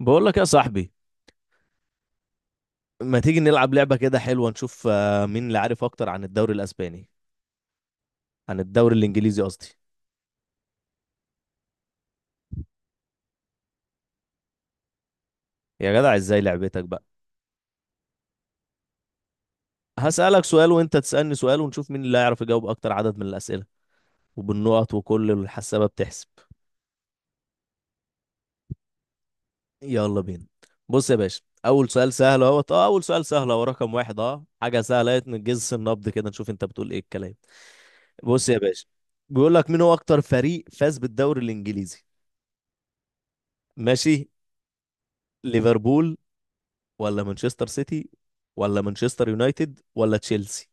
بقول لك يا صاحبي، ما تيجي نلعب لعبة كده حلوة نشوف مين اللي عارف اكتر عن الدوري الاسباني؟ عن الدوري الانجليزي قصدي. يا جدع ازاي لعبتك بقى؟ هسألك سؤال وانت تسألني سؤال ونشوف مين اللي هيعرف يجاوب اكتر عدد من الأسئلة، وبالنقط وكل الحسابة بتحسب. يلا بينا. بص يا باشا، اول سؤال سهل اهو، رقم واحد، حاجة سهلة اهي، نجز النبض كده نشوف انت بتقول ايه الكلام. بص يا باشا، بيقول لك مين هو اكتر فريق فاز بالدوري الانجليزي؟ ماشي. ليفربول، ولا مانشستر سيتي، ولا مانشستر يونايتد، ولا تشيلسي؟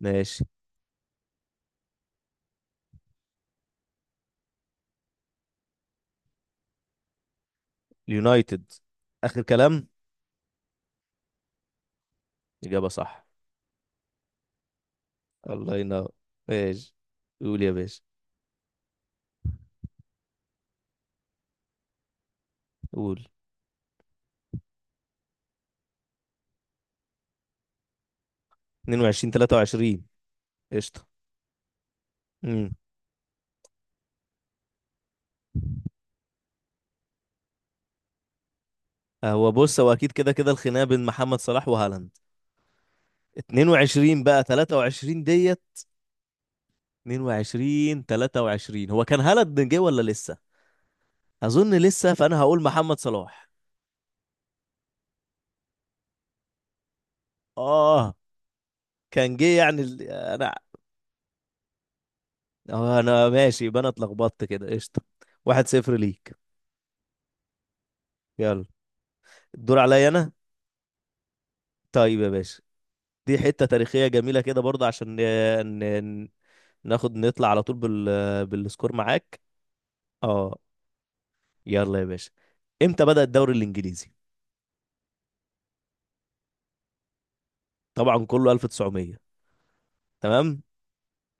ماشي. اليونايتد؟ آخر كلام؟ إجابة صح. الله ينور. ماشي. قول يا باشا. قول. 22 23؟ قشطة. امم هو بص أكيد كده كده الخناقة بين محمد صلاح وهالاند. 22 بقى 23 ديت. 22 23، هو كان هالاند جه ولا لسه؟ أظن لسه، فأنا هقول محمد صلاح. آه كان جه يعني ال... أنا... اه انا ماشي، يبقى انا اتلخبطت كده. قشطه. واحد صفر ليك. يلا، الدور عليا انا. طيب يا باشا، دي حته تاريخيه جميله كده برضه عشان ن... ن... ناخد نطلع على طول بال... بالسكور معاك. اه يلا يا باشا، امتى بدأ الدوري الانجليزي؟ طبعا كله 1900. تمام.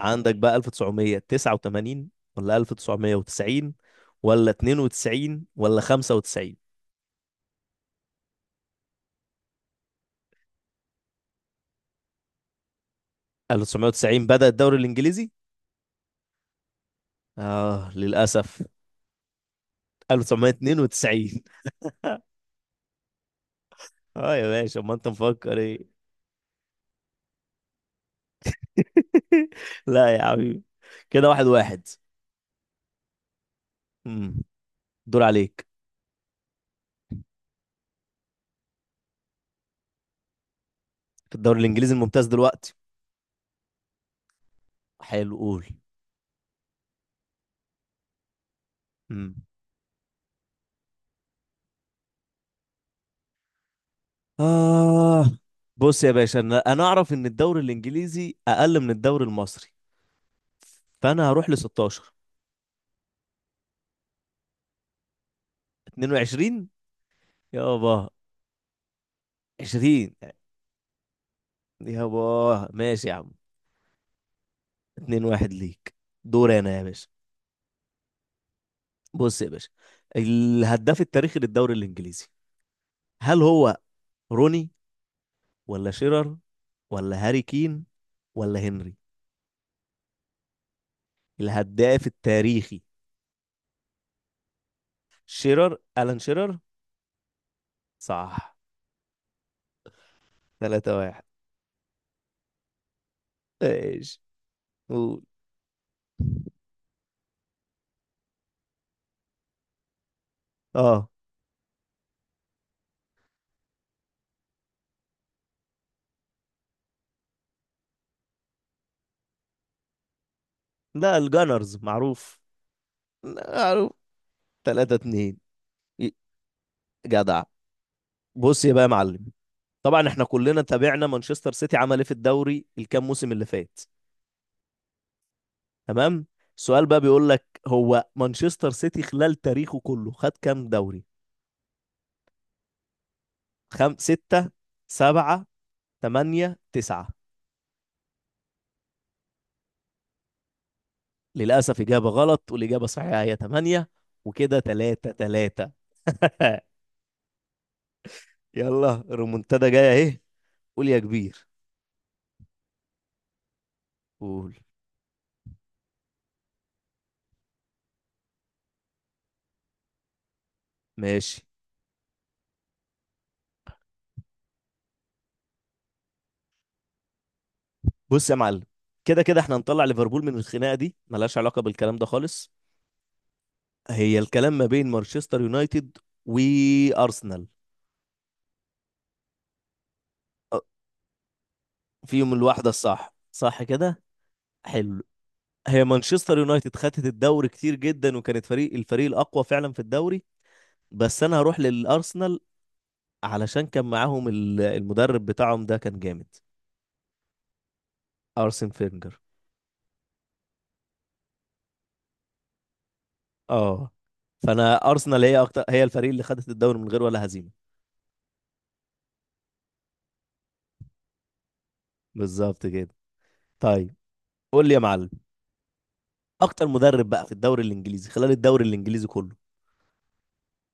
عندك بقى 1989 ولا 1990 ولا 92 ولا 95؟ 1990 بدأ الدوري الانجليزي. اه للاسف، 1992. اه يا باشا امال انت مفكر ايه؟ لا يا حبيبي، كده واحد واحد. امم دور عليك. في الدوري الانجليزي الممتاز دلوقتي. حلو، قول. امم اه بص يا باشا، انا اعرف ان الدوري الانجليزي اقل من الدوري المصري، فانا هروح ل 16. 22 يابا. 20 يابا، ماشي يا عم. 2 1 ليك. دور انا يا باشا. بص يا باشا، الهداف التاريخي للدوري الانجليزي، هل هو روني ولا شيرر ولا هاري كين ولا هنري؟ الهداف التاريخي. شيرر، ألان شيرر. صح. 3 واحد. ايش؟ قول. اه لا، الجانرز معروف. معروف. 3 2. جدع. بص يا بقى يا معلم، طبعا احنا كلنا تابعنا مانشستر سيتي عمل ايه في الدوري الكام موسم اللي فات. تمام. السؤال بقى بيقول لك، هو مانشستر سيتي خلال تاريخه كله خد كام دوري؟ ستة، سبعة، تمانية، تسعة؟ للأسف إجابة غلط، والإجابة الصحيحة هي 8. وكده 3 3. يلا الريمونتادا جاية أهي. قول يا كبير. قول. ماشي. بص يا معلم، كده كده احنا هنطلع ليفربول من الخناقة دي، ملهاش علاقة بالكلام ده خالص. هي الكلام ما بين مانشستر يونايتد وأرسنال. أه، فيهم الواحدة الصح، صح كده. حلو. هي مانشستر يونايتد خدت الدوري كتير جدا، وكانت الفريق الأقوى فعلا في الدوري، بس انا هروح للارسنال، علشان كان معاهم المدرب بتاعهم ده، كان جامد، ارسن فينجر. اه فانا ارسنال هي اكتر، هي الفريق اللي خدت الدوري من غير ولا هزيمه. بالظبط كده. طيب، قول لي يا معلم. اكتر مدرب بقى في الدوري الانجليزي، خلال الدوري الانجليزي كله،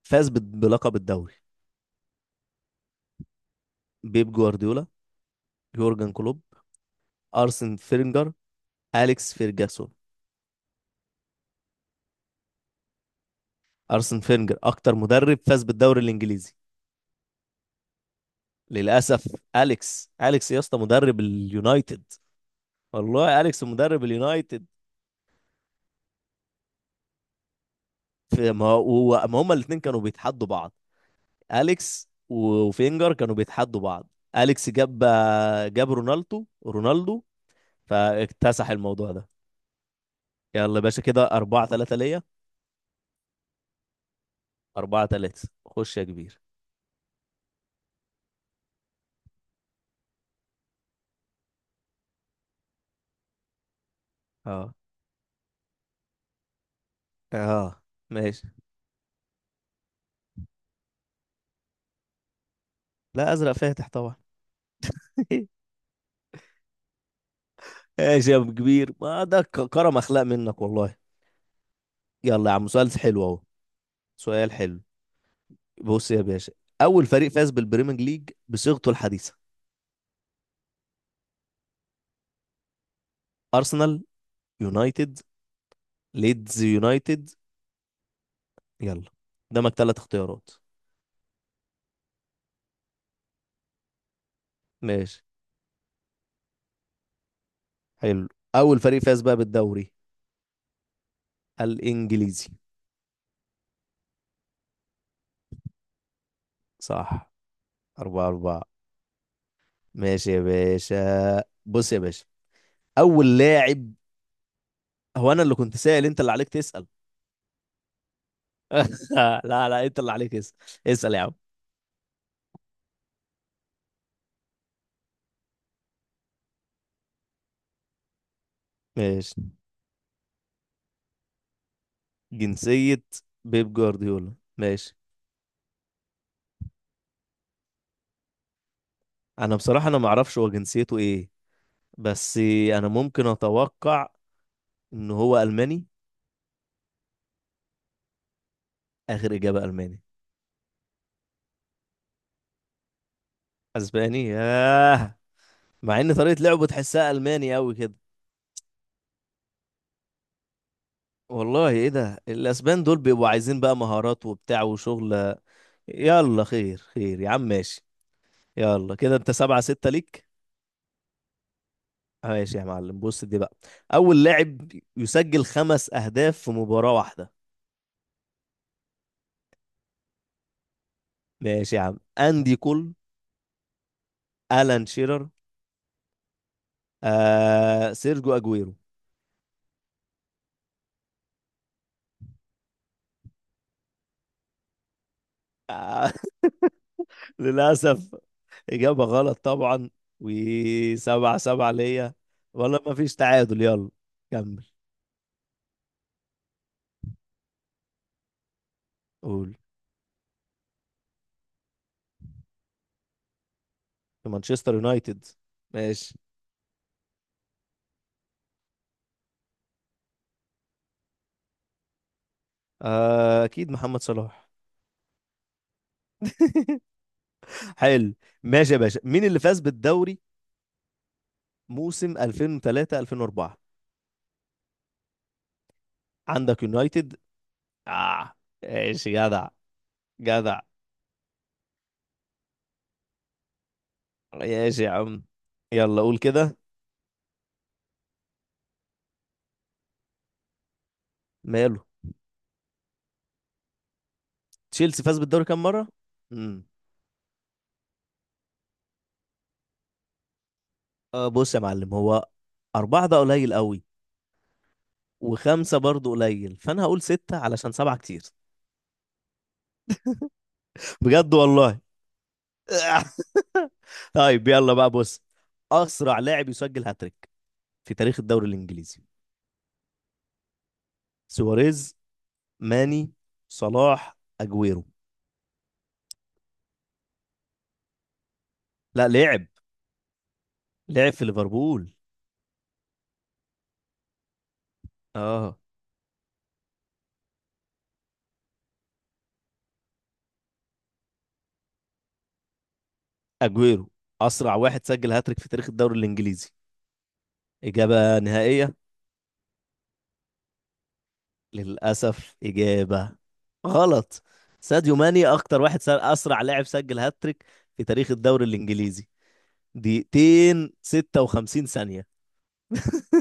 فاز بلقب الدوري. بيب جوارديولا، يورجن كلوب، ارسن فينجر، اليكس فيرجاسون. ارسن فينجر اكتر مدرب فاز بالدوري الانجليزي. للاسف، اليكس، اليكس يا اسطى، مدرب اليونايتد. والله، اليكس مدرب اليونايتد. في، ما هما الاثنين كانوا بيتحدوا بعض. اليكس وفينجر كانوا بيتحدوا بعض. اليكس جاب رونالدو رونالدو، فاكتسح الموضوع ده. يلا يا باشا كده 4 3 ليا. 4 3 خش يا كبير. اه، اه، ماشي. لا، ازرق فاتح طبعا. ماشي يا أبو كبير، ما ده كرم اخلاق منك والله. يلا يا عم سؤال حلو اهو. سؤال حلو. بص يا باشا، اول فريق فاز بالبريمير ليج بصيغته الحديثه؟ ارسنال، يونايتد، ليدز يونايتد، يلا، قدامك ثلاث اختيارات. ماشي. حلو. اول فريق فاز بقى بالدوري الانجليزي؟ صح. أربعة أربعة. ماشي يا باشا، بص يا باشا، اول لاعب. هو انا اللي كنت سائل، انت اللي عليك تسأل. لا لا، انت اللي عليك اسأل. اسأل يا عم. ماشي. جنسية بيب جوارديولا؟ ماشي. انا بصراحة انا ما اعرفش هو جنسيته ايه. بس، انا ممكن اتوقع ان هو الماني. اخر اجابة الماني. اسباني؟ ياه. مع ان طريقه لعبه تحسها الماني قوي كده. والله ايه ده، الاسبان دول بيبقوا عايزين بقى مهارات وبتاع وشغل. يلا خير خير يا عم، ماشي. يلا كده انت سبعة ستة ليك. ماشي يا معلم، بص دي بقى اول لاعب يسجل خمس اهداف في مباراة واحدة؟ ماشي يا عم. اندي كول، الان شيرر، سيرجو اجويرو. آه للاسف، إجابة غلط طبعا. وسبعة سبعة ليا. والله ما فيش تعادل. يلا، كمل. قول. في مانشستر يونايتد؟ ماشي. آه، أكيد محمد صلاح. حلو. ماشي يا باشا، مين اللي فاز بالدوري موسم 2003 2004؟ عندك يونايتد. آه، ماشي، جدع. جدع. ماشي يا عم، يلا قول كده. ماله؟ تشيلسي فاز بالدوري كام مرة؟ امم بص يا معلم، هو أربعة ده قليل قوي، وخمسة برضو قليل، فأنا هقول ستة، علشان سبعة كتير. بجد والله. طيب يلا بقى، بص. أسرع لاعب يسجل هاتريك في تاريخ الدوري الإنجليزي؟ سواريز، ماني، صلاح، أجويرو. لا، لعب. لعب في ليفربول. اه. أجويرو، أسرع واحد سجل هاتريك في تاريخ الدوري الإنجليزي، إجابة نهائية. للأسف إجابة غلط. ساديو ماني أكتر واحد أسرع لاعب سجل هاتريك في تاريخ الدوري الإنجليزي، دقيقتين 56 ثانية.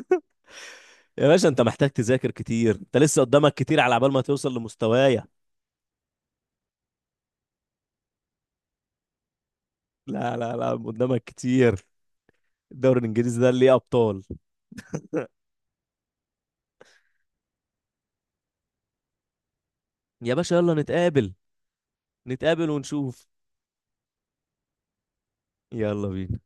يا باشا انت محتاج تذاكر كتير، انت لسه قدامك كتير على عبال ما توصل لمستوايا. لا لا لا، قدامك كتير. الدوري الانجليزي ده ليه ابطال. يا باشا يلا نتقابل. نتقابل ونشوف. يلا بينا.